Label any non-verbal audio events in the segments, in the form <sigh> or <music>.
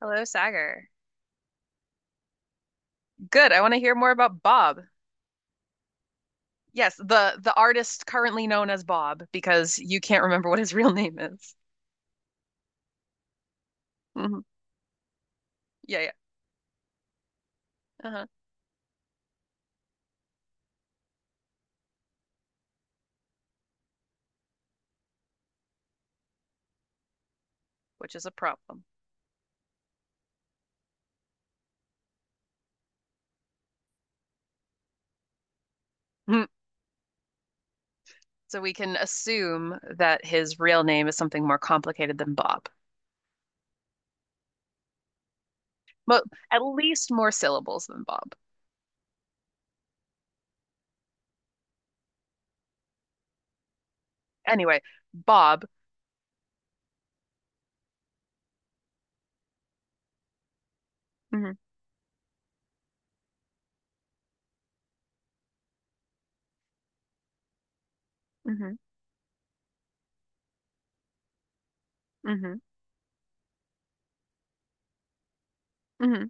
Hello, Sagar. Good. I want to hear more about Bob. Yes, the artist currently known as Bob because you can't remember what his real <laughs> name is. Hmm Yeah, yeah. Uh-huh. Which is a problem. Mhm. So we can assume that his real name is something more complicated than Bob. But at least more syllables than Bob. Anyway, Bob. Hmm hmm hmm hmm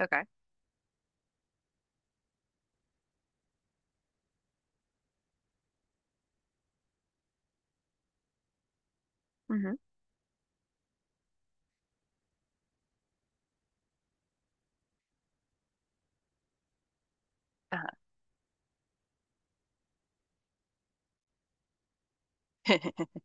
Okay. hmm Uh-huh. <laughs>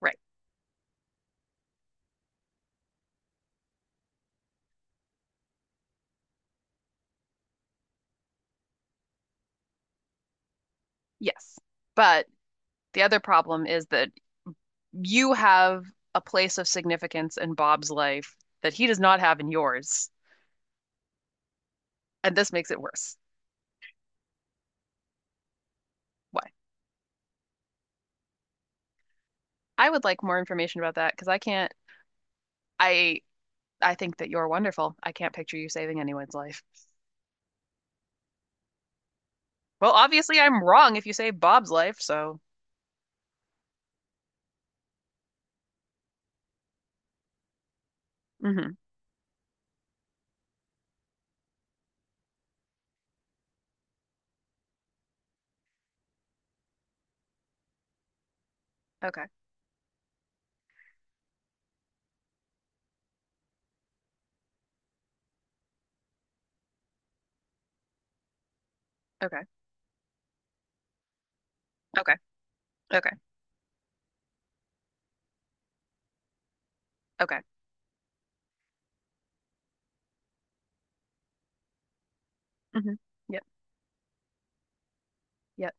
Right. Yes. But the other problem is that you have a place of significance in Bob's life that he does not have in yours, and this makes it worse. Why? I would like more information about that because I can't. I I think that you're wonderful. I can't picture you saving anyone's life. Well, obviously I'm wrong if you save Bob's life, so hmm Okay. Okay. Okay. Okay. Okay. hmm Yep. Yep.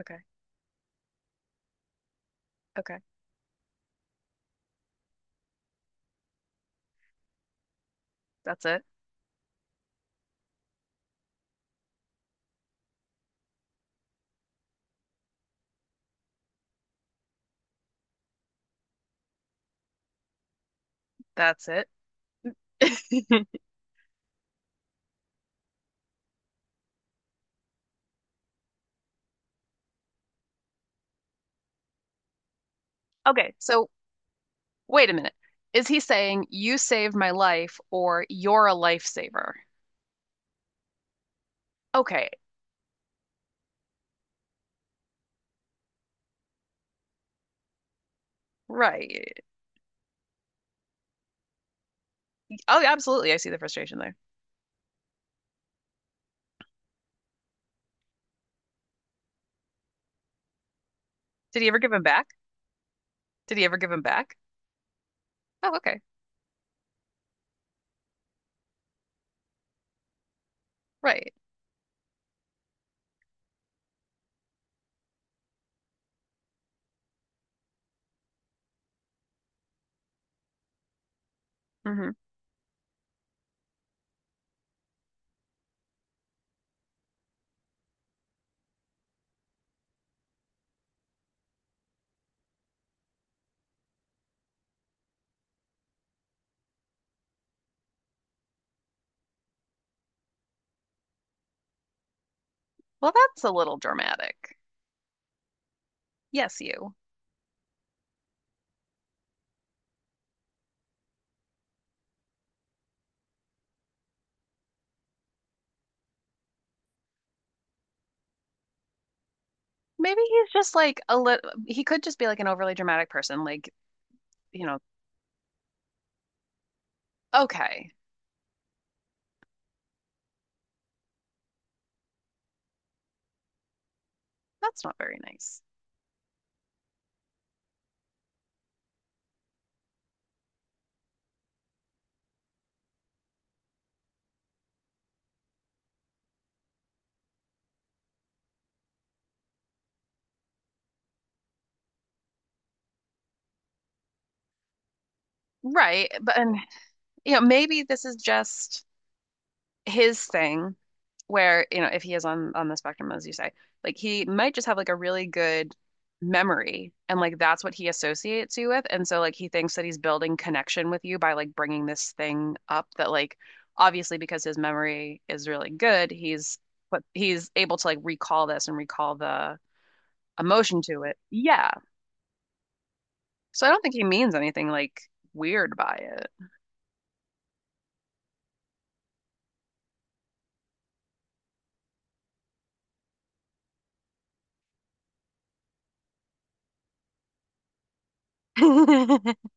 Okay. Okay. That's it. That's it. <laughs> Okay, so wait a minute. Is he saying you saved my life or you're a lifesaver? Okay, right. Oh, yeah, absolutely. I see the frustration there. Did he ever give him back? Did he ever give him back? Oh, okay, right. hmm Well, that's a little dramatic. Yes, you. Maybe he's just like a little, he could just be like an overly dramatic person. Like, you know, okay, that's not very nice. Right. But, and, you know, maybe this is just. His thing where, you know, if he is on the spectrum, as you say, like he might just have like a really good memory and like that's what he associates you with. And so like he thinks that he's building connection with you by like bringing this thing up that like obviously because his memory is really good, he's but he's able to like recall this and recall the emotion to it. Yeah. So I don't think he means anything like weird by it. <laughs>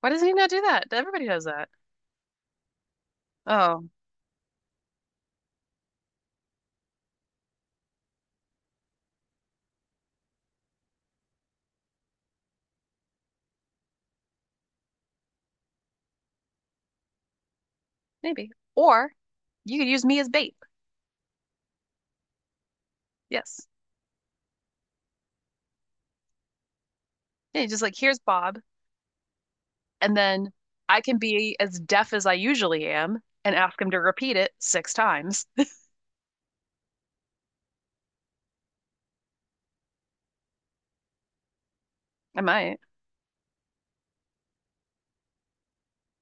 Why does he not do that? Everybody does that. Oh. Maybe. Or you could use me as bait. Yes. Yeah, just like here's Bob, and then I can be as deaf as I usually am and ask him to repeat it six times. <laughs> I might.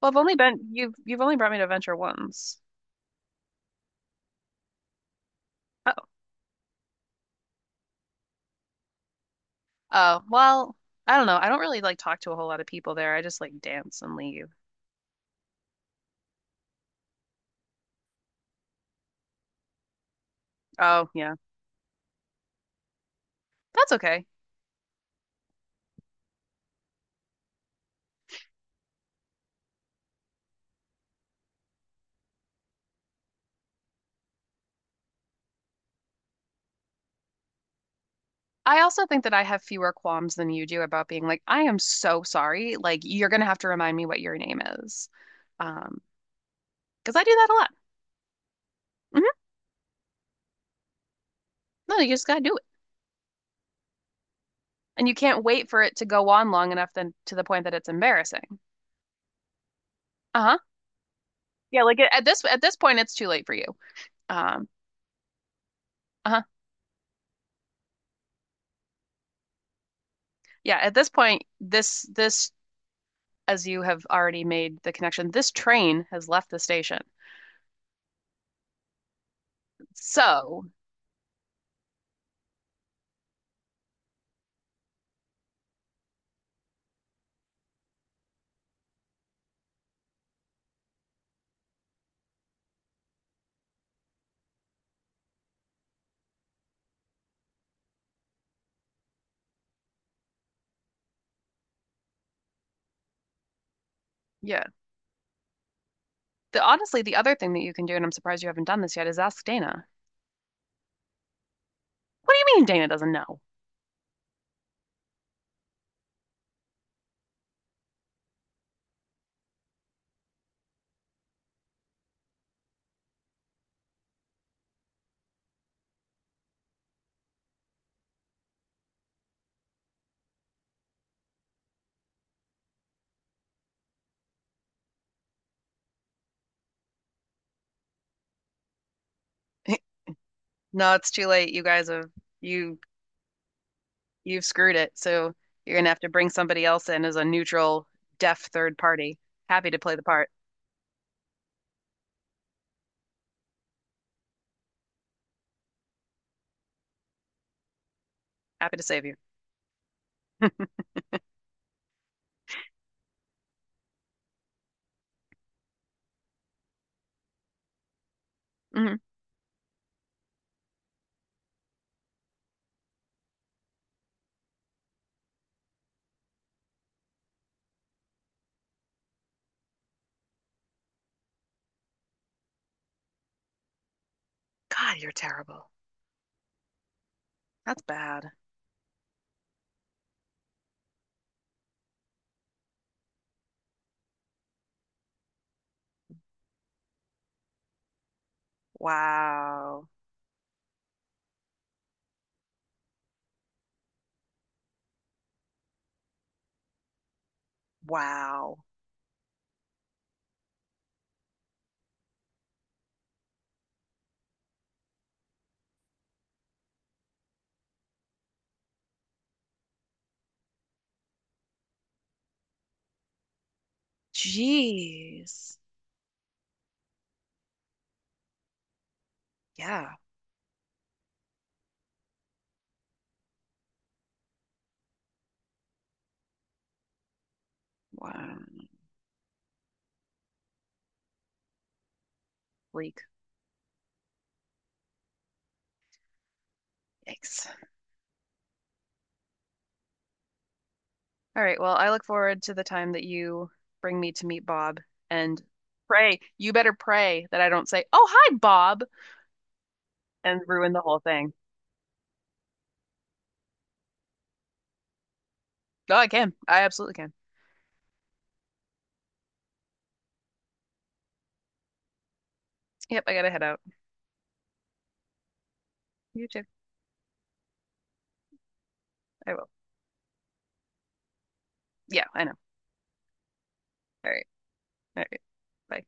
Well, I've only been you've only brought me to Venture once. Oh. Oh, well, I don't know. I don't really like talk to a whole lot of people there. I just like dance and leave. Oh, yeah. That's okay. I also think that I have fewer qualms than you do about being like, I am so sorry. Like, you're gonna have to remind me what your name is. Um, because I do that a lot. <laughs> No, you just gotta do it. And you can't wait for it to go on long enough then to the point that it's embarrassing. Uh-huh. Yeah, like at this point it's too late for you. Um, uh-huh. Yeah, at this point this as you have already made the connection, this train has left the station. So, yeah. The Honestly the other thing that you can do and I'm surprised you haven't done this yet is ask Dana. What do you mean Dana doesn't know? <laughs> No, it's too late. You guys have you you've screwed it. So you're gonna have to bring somebody else in as a neutral, deaf third party. Happy to play the part. Happy to save you. Hmm God, you're terrible. That's bad. Wow. Wow. Jeez. Yeah. Wow. Bleak. Yikes. All right. Well, I look forward to the time that you bring me to meet Bob and pray. You better pray that I don't say, "Oh, hi, Bob," and ruin the whole thing. Oh, I can. I absolutely can. Yep, I gotta head out. You too. I will. Yeah, I know. All right. All right. Bye.